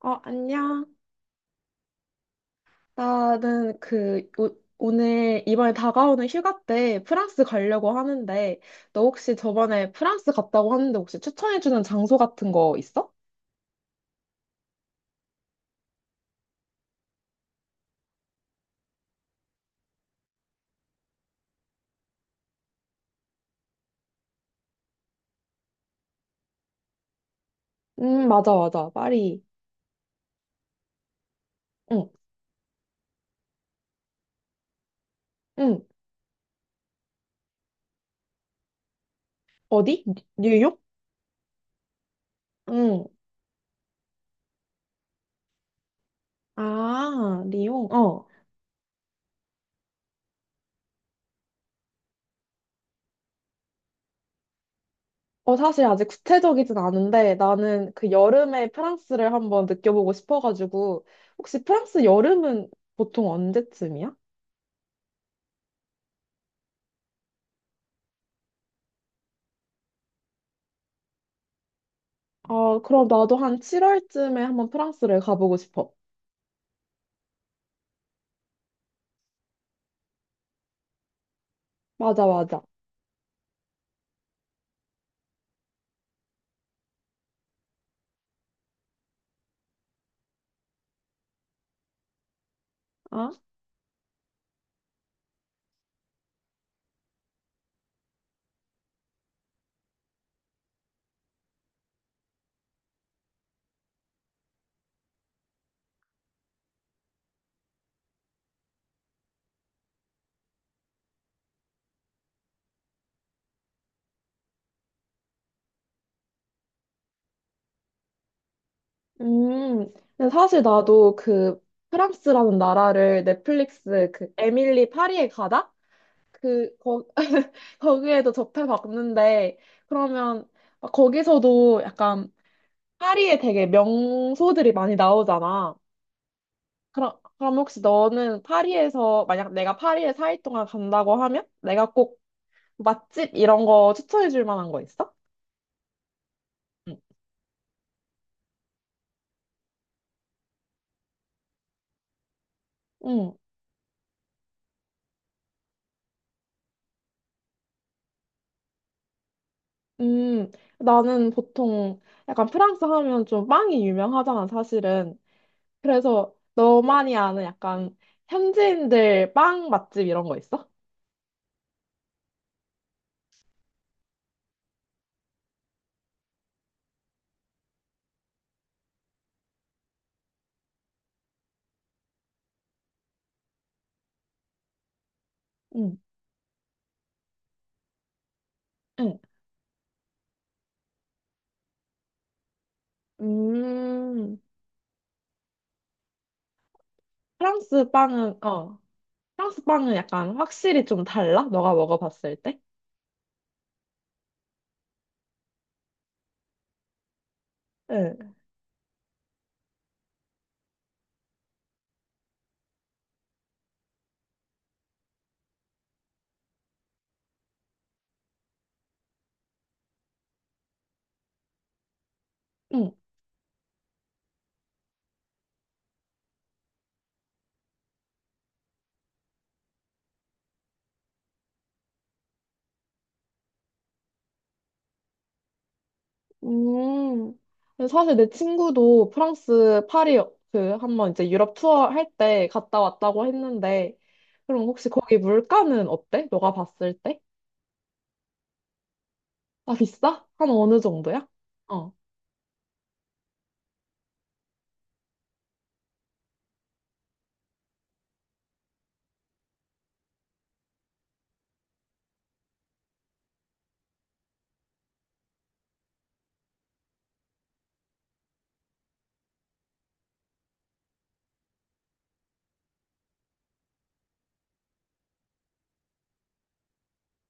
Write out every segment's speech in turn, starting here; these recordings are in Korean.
어, 안녕. 나는 오늘 이번에 다가오는 휴가 때 프랑스 가려고 하는데, 너 혹시 저번에 프랑스 갔다고 하는데 혹시 추천해주는 장소 같은 거 있어? 맞아, 맞아. 파리. 응, 응. 어디? 뉴욕? 응. 아, 리옹. 어. 사실 아직 구체적이진 않은데, 나는 그 여름에 프랑스를 한번 느껴보고 싶어가지고, 혹시 프랑스 여름은 보통 언제쯤이야? 아, 그럼 나도 한 7월쯤에 한번 프랑스를 가보고 싶어. 맞아, 맞아. 아? 근데 사실 나도 프랑스라는 나라를 넷플릭스 에밀리 파리에 가다? 그, 거, 거기에도 접해봤는데, 그러면 거기서도 약간 파리에 되게 명소들이 많이 나오잖아. 그럼 혹시 너는 파리에서, 만약 내가 파리에 4일 동안 간다고 하면 내가 꼭 맛집 이런 거 추천해 줄 만한 거 있어? 응. 음, 나는 보통 약간 프랑스 하면 좀 빵이 유명하잖아, 사실은. 그래서 너만이 아는 약간 현지인들 빵 맛집 이런 거 있어? 응, 응. 음, 프랑스 빵은, 어, 프랑스 빵은 약간 확실히 좀 달라? 너가 먹어봤을 때? 응. 음, 근데 사실 내 친구도 프랑스 파리 한번 이제 유럽 투어 할 때 갔다 왔다고 했는데, 그럼 혹시 거기 물가는 어때? 너가 봤을 때? 아, 비싸? 한 어느 정도야? 어.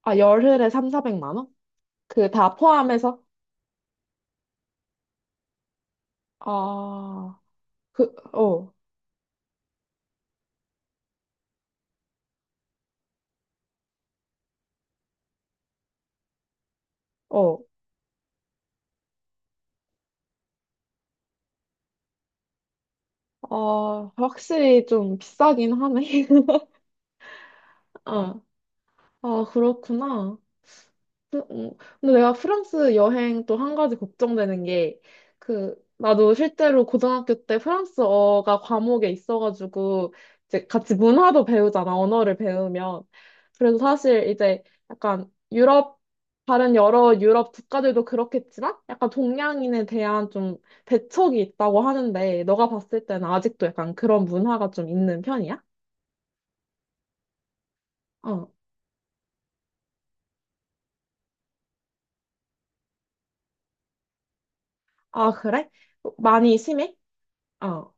아, 열흘에 3, 400만 원? 그 다 포함해서? 아, 그, 어, 어. 아, 확실히 좀 비싸긴 하네. 어. 아, 그렇구나. 또. 근데 내가 프랑스 여행 또 한 가지 걱정되는 게, 나도 실제로 고등학교 때 프랑스어가 과목에 있어가지고, 이제 같이 문화도 배우잖아, 언어를 배우면. 그래서 사실 이제 약간 다른 여러 유럽 국가들도 그렇겠지만, 약간 동양인에 대한 좀 배척이 있다고 하는데, 너가 봤을 때는 아직도 약간 그런 문화가 좀 있는 편이야? 어. 아, 그래? 많이 심해? 어.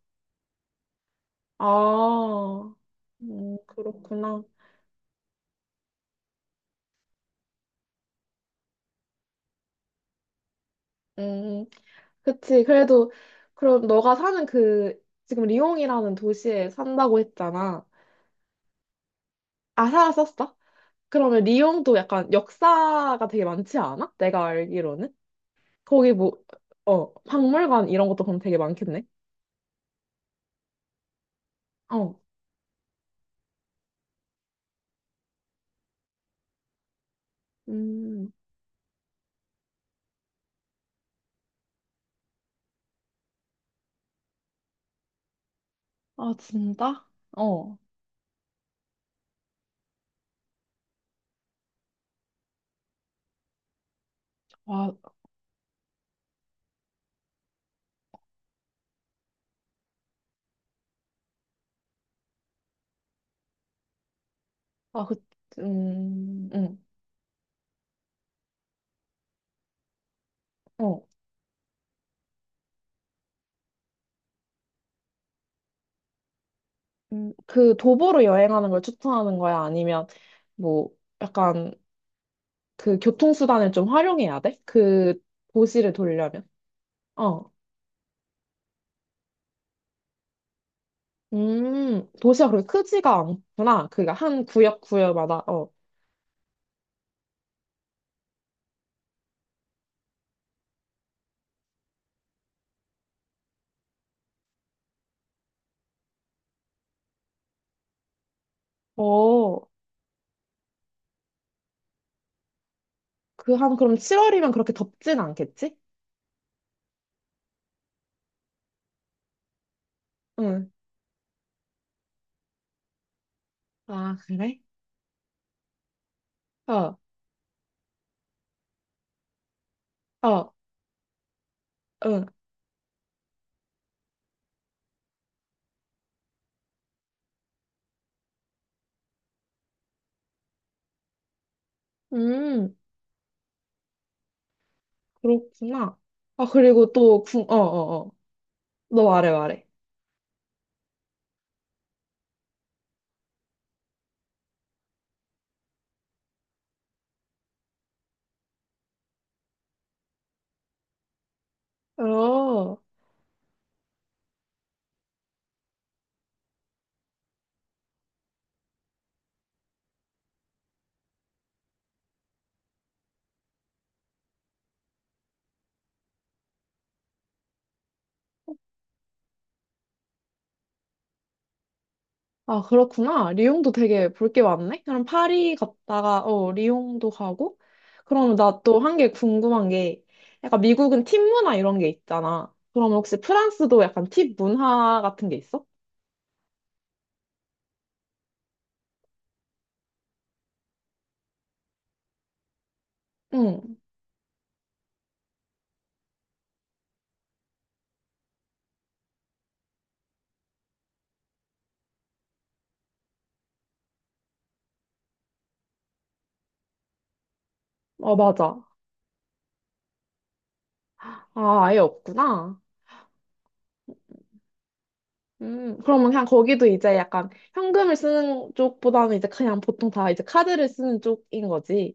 아, 그렇구나. 음, 그치. 그래도, 그럼 너가 사는 지금 리옹이라는 도시에 산다고 했잖아. 아, 살았었어? 그러면 리옹도 약간 역사가 되게 많지 않아? 내가 알기로는? 거기 뭐, 박물관 이런 것도 그럼 되게 많겠네? 어, 음, 아, 진짜? 어, 와, 아, 응, 어. 도보로 여행하는 걸 추천하는 거야? 아니면 뭐, 약간 교통수단을 좀 활용해야 돼? 그 도시를 돌려면. 어. 도시가 그렇게 크지가 않구나. 그니까 한 구역 구역마다, 어. 어, 그럼 7월이면 그렇게 덥진 않겠지? 응. 아, 그래? 어, 어, 응. 음, 그렇구나. 아, 그리고 또, 궁, 어, 어, 어. 너 말해, 말해. 어. 아, 그렇구나. 리옹도 되게 볼 게 많네. 그럼 파리 갔다가, 리옹도 가고. 그러면 나 또 한 게 궁금한 게, 약간 미국은 팁 문화 이런 게 있잖아. 그럼 혹시 프랑스도 약간 팁 문화 같은 게 있어? 응. 어, 맞아. 아, 아예 없구나. 그러면 그냥 거기도 이제 약간 현금을 쓰는 쪽보다는 이제 그냥 보통 다 이제 카드를 쓰는 쪽인 거지.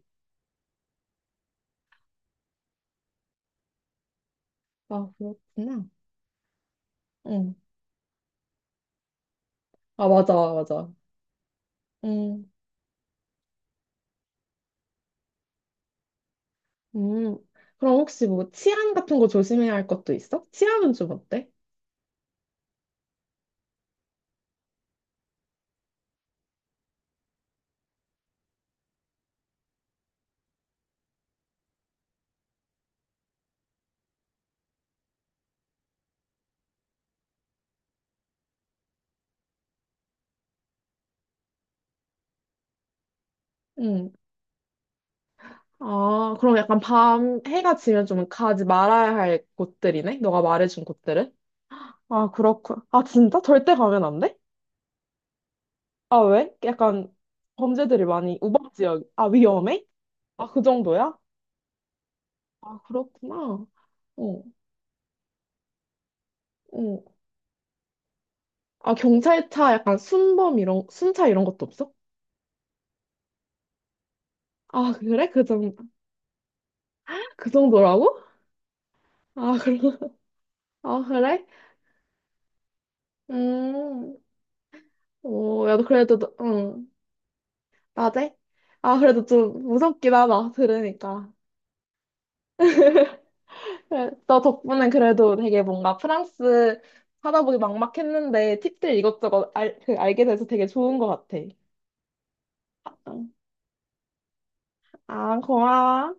아, 그렇구나. 응. 아, 맞아, 맞아. 응. 음, 그럼 혹시 뭐 치안 같은 거 조심해야 할 것도 있어? 치안은 좀 어때? 음. 아, 그럼 약간 밤 해가 지면 좀 가지 말아야 할 곳들이네? 너가 말해준 곳들은? 아, 그렇군. 아, 진짜? 절대 가면 안 돼? 아, 왜? 약간 범죄들이 많이 우박 지역. 아, 위험해? 아, 그 정도야? 아, 그렇구나. 어, 어. 아, 경찰차 약간 순범 이런, 순차 이런 것도 없어? 아, 그래? 그 정도라고? 아, 그럼, 아, 그래? 음. 오, 야, 그래도, 응, 낮에? 아, 그래도 좀 무섭긴 하다, 들으니까. 그래, 너 덕분에 그래도 되게 뭔가 프랑스 하다보기 막막했는데 팁들 이것저것 알게 돼서 되게 좋은 것 같아. 응. 아, 고마워.